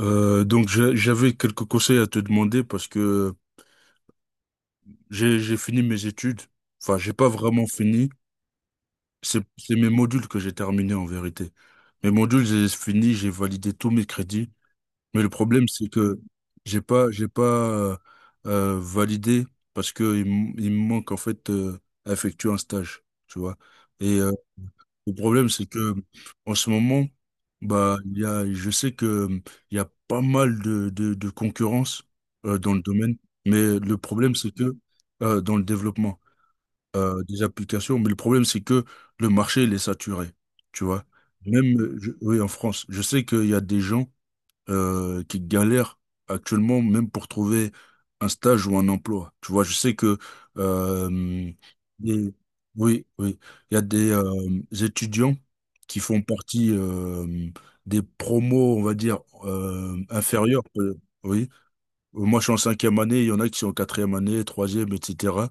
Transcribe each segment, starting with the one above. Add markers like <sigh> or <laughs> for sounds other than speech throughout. Donc j'avais quelques conseils à te demander parce que j'ai fini mes études. Enfin, j'ai pas vraiment fini. C'est mes modules que j'ai terminés en vérité. Mes modules, j'ai fini, j'ai validé tous mes crédits. Mais le problème, c'est que j'ai pas validé parce que il me manque en fait à effectuer un stage, tu vois. Et euh, Le problème, c'est que en ce moment, bah, il y a, je sais que il y a pas mal de concurrence dans le domaine, mais le problème, c'est que dans le développement des applications, mais le problème, c'est que le marché, il est saturé, tu vois. Oui, en France, je sais qu'il y a des gens qui galèrent actuellement même pour trouver un stage ou un emploi. Tu vois, je sais que euh, des- oui, oui, il y a des étudiants qui font partie des promos, on va dire, inférieurs. Oui, moi je suis en cinquième année, il y en a qui sont en quatrième année, troisième, etc.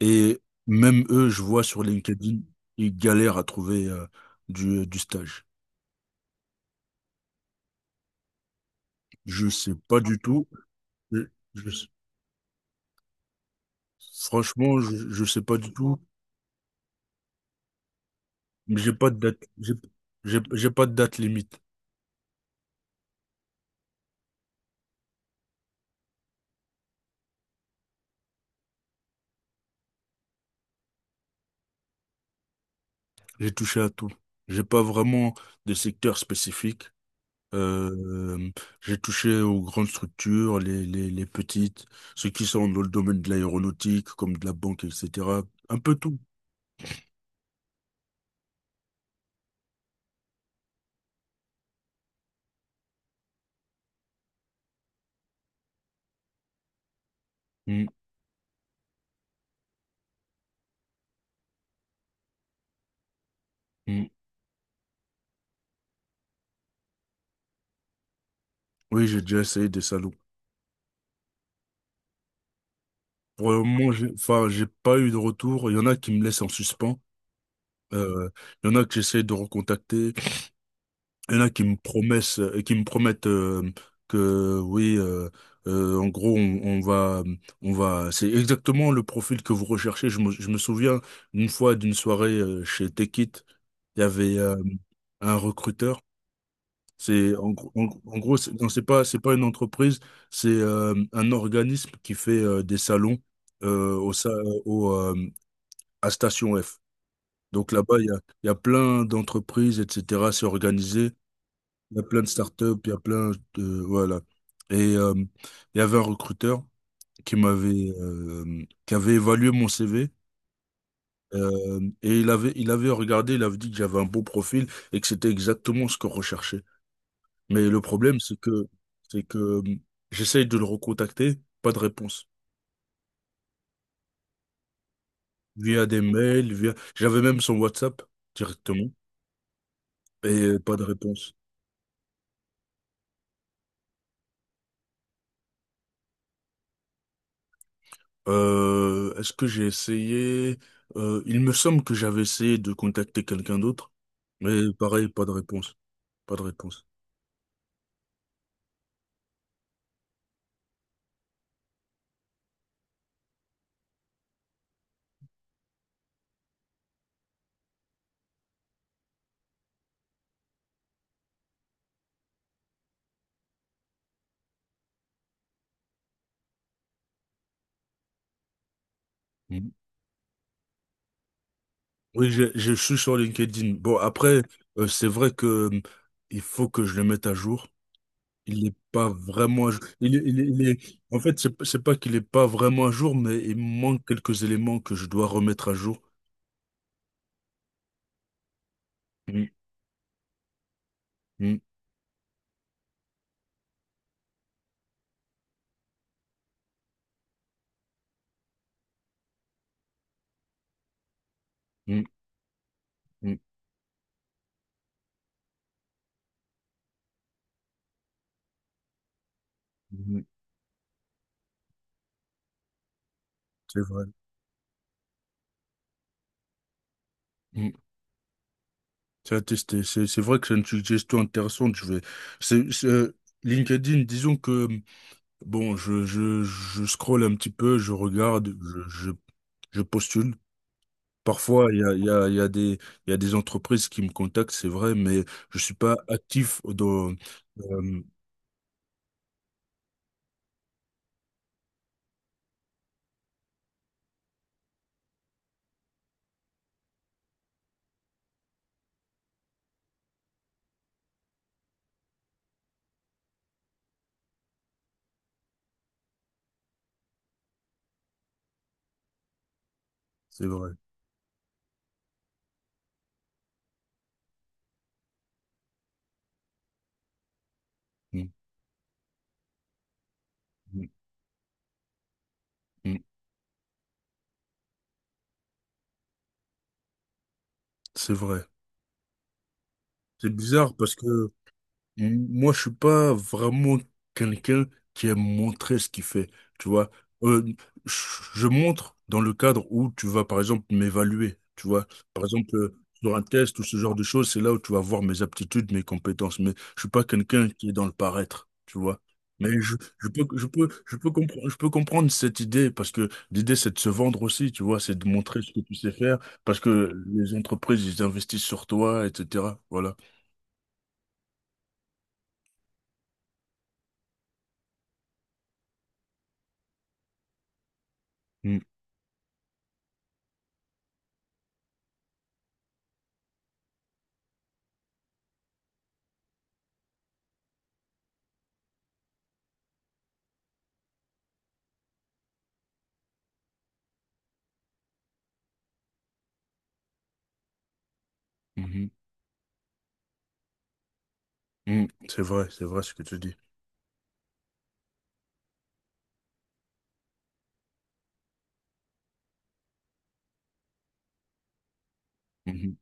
Et même eux, je vois sur LinkedIn, ils galèrent à trouver du stage. Je sais pas du tout. Je, je- Franchement, je sais pas du tout. Mais j'ai pas de date, j'ai pas de date limite. J'ai touché à tout. J'ai pas vraiment de secteur spécifique. Euh, j'ai touché aux grandes structures, les petites, ceux qui sont dans le domaine de l'aéronautique, comme de la banque, etc. Un peu tout. Mm, mm. Oui, j'ai déjà essayé des salons. Pour le moment, enfin, j'ai pas eu de retour. Il y en a qui me laissent en suspens. Euh, il y en a que j'essaie de recontacter. Il y en a qui me promettent que oui, en gros, on va. C'est exactement le profil que vous recherchez. Je me souviens une fois d'une soirée chez Tech It, il y avait un recruteur. C'est en gros, c'est pas une entreprise, c'est un organisme qui fait des salons euh, au, sa- au, euh, à Station F. Donc là-bas, il y a plein d'entreprises, etc. C'est organisé. Il y a plein de startups, il y a plein de... Voilà. Et euh, il y avait un recruteur qui avait évalué mon CV. Et il avait regardé, il avait dit que j'avais un beau profil et que c'était exactement ce qu'on recherchait. Mais le problème, c'est que j'essaye de le recontacter, pas de réponse. Via des mails, via... J'avais même son WhatsApp directement et pas de réponse. Est-ce que j'ai essayé? Il me semble que j'avais essayé de contacter quelqu'un d'autre, mais pareil, pas de réponse, pas de réponse. Mhm. Oui, je suis sur LinkedIn. Bon, après, c'est vrai que il faut que je le mette à jour. Il n'est pas vraiment à jour. Il est... En fait, c'est pas qu'il n'est pas vraiment à jour, mais il manque quelques éléments que je dois remettre à jour. Mm, mm, mm, mm, mm. C'est vrai. Mm. C'est à tester. C'est vrai que c'est une suggestion intéressante. Je vais. c'est- c'est- euh, LinkedIn, disons que bon, je scrolle un petit peu, je regarde, je postule. Parfois, il y a, il y a, il y a des, il y a des entreprises qui me contactent, c'est vrai, mais je suis pas actif dans. euh, c'est vrai. Mm, mm, mm. C'est vrai. C'est bizarre parce que moi, je suis pas vraiment quelqu'un qui aime montrer ce qu'il fait, tu vois. Euh, je je montre dans le cadre où tu vas, par exemple, m'évaluer, tu vois. Par exemple, sur un test ou ce genre de choses, c'est là où tu vas voir mes aptitudes, mes compétences. Mais je suis pas quelqu'un qui est dans le paraître, tu vois. Mais je peux je peux comprendre cette idée parce que l'idée, c'est de se vendre aussi, tu vois, c'est de montrer ce que tu sais faire parce que les entreprises, ils investissent sur toi, etc. Voilà. Mm. Mhm. C'est vrai ce que tu dis. Mhm.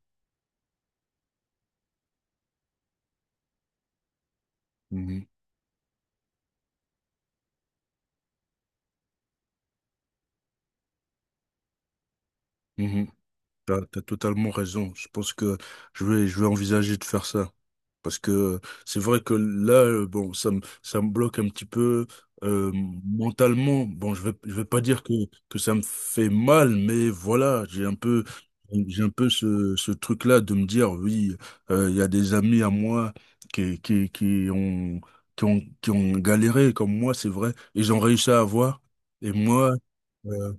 Mhm. Mhm. T'as, as totalement raison. Je pense que je vais envisager de faire ça. Parce que c'est vrai que là, bon, ça me bloque un petit peu euh, mentalement. Bon, je vais pas dire que ça me fait mal, mais voilà, j'ai un peu ce truc-là de me dire, oui, il y a des amis à moi qui, qui, qui ont, qui ont galéré comme moi, c'est vrai, ils ont réussi à avoir. Et moi, euh,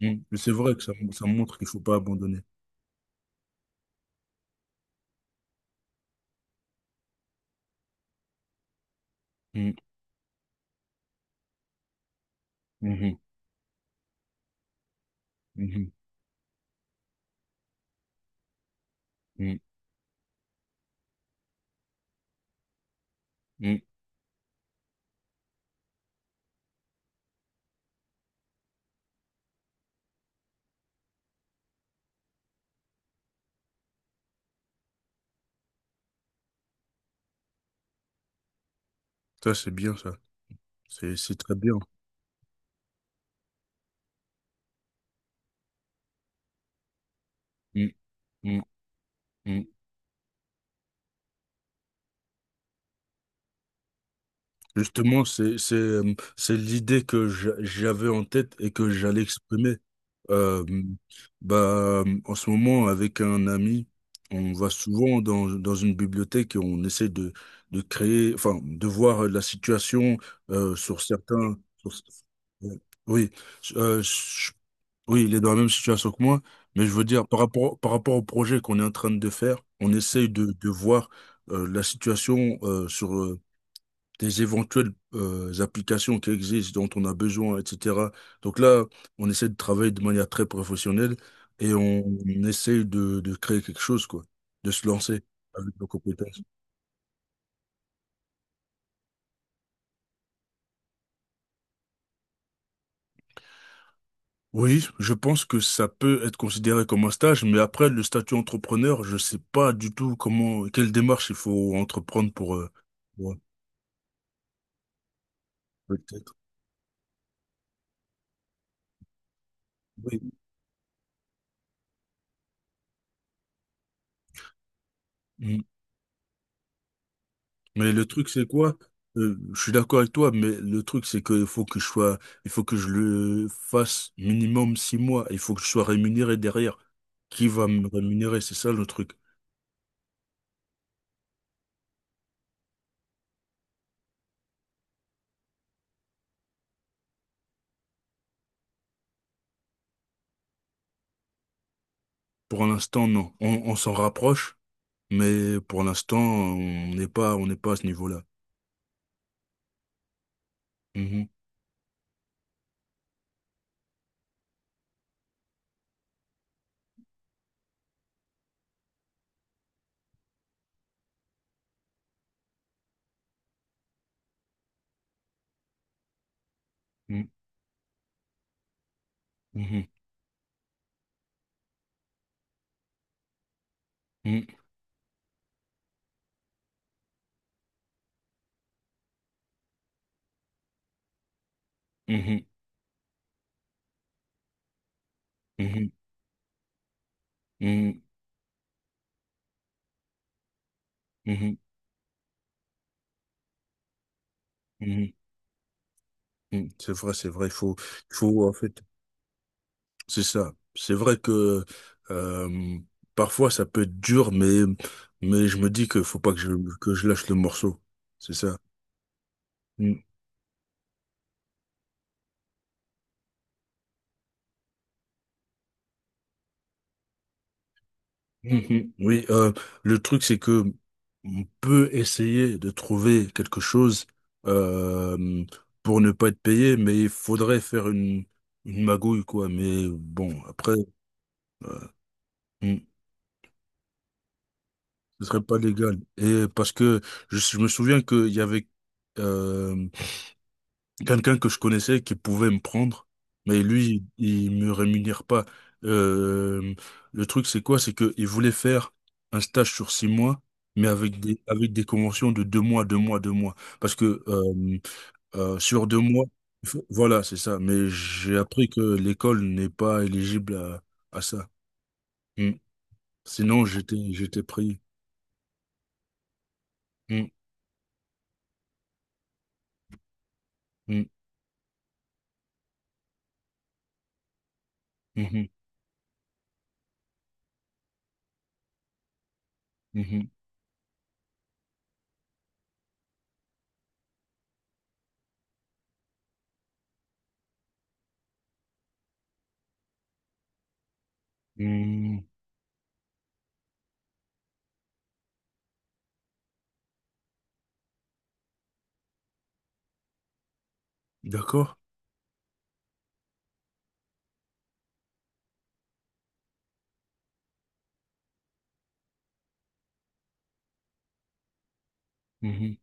c'est vrai que ça montre qu'il faut pas abandonner. Mm, mhm, mhm, mm, mm. Ça, c'est bien, ça. C'est très bien. Mm, mm, mm. Justement, c'est l'idée que j'avais en tête et que j'allais exprimer. Euh, Bah, en ce moment, avec un ami, on va souvent dans une bibliothèque et on essaie de créer, enfin, de voir la situation sur certains. Oui, euh, je- oui, il est dans la même situation que moi, mais je veux dire, par rapport au projet qu'on est en train de faire, on essaye de voir la situation des éventuelles applications qui existent, dont on a besoin, etc. Donc là, on essaie de travailler de manière très professionnelle et on essaie de créer quelque chose, quoi, de se lancer avec nos compétences. Oui, je pense que ça peut être considéré comme un stage, mais après, le statut entrepreneur, je sais pas du tout comment, quelle démarche il faut entreprendre pour... ouais, peut-être. Oui. Mm. Mais le truc, c'est quoi? Je suis d'accord avec toi, mais le truc, c'est qu'il faut que je sois, il faut que je le fasse minimum 6 mois. Il faut que je sois rémunéré derrière. Qui va me rémunérer? C'est ça le truc. Pour l'instant, non. On s'en rapproche, mais pour l'instant, on n'est pas à ce niveau-là. Mhm, mhm, mhm, mhm, mhm, mhm, mhm, mhm, mhm, mhm. C'est vrai, c'est vrai. En fait, c'est ça. C'est vrai que euh, parfois ça peut être dur, mais je me dis que faut pas que je lâche le morceau. C'est ça. Mm. Mhm. Oui. Le truc c'est que on peut essayer de trouver quelque chose euh, pour ne pas être payé, mais il faudrait faire une magouille quoi. Mais bon, après, mm, ce serait pas légal. Et parce que je me souviens qu'il y avait euh, quelqu'un que je connaissais qui pouvait me prendre, mais lui, il me rémunère pas. Euh, le truc, c'est quoi? C'est que il voulait faire un stage sur 6 mois, mais avec des conventions de 2 mois, 2 mois, 2 mois. Parce que sur 2 mois, voilà, c'est ça. Mais j'ai appris que l'école n'est pas éligible à ça. Mm. Sinon, j'étais pris. Mm, mm, mhm, mhm, mm. D'accord? Mhm.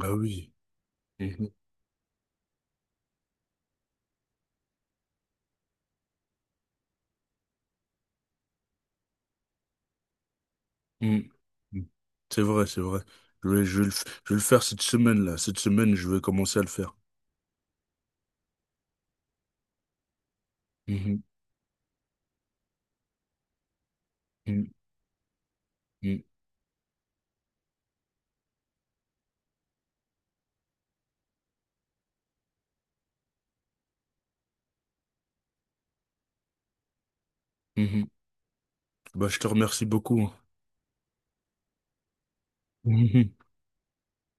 Ah oui. Mm. Mm. C'est vrai, c'est vrai. Je vais le faire cette semaine-là. Cette semaine, je vais commencer à le faire. Mhm. Mm. Mm. Mhm. Bah, je te remercie beaucoup. <laughs>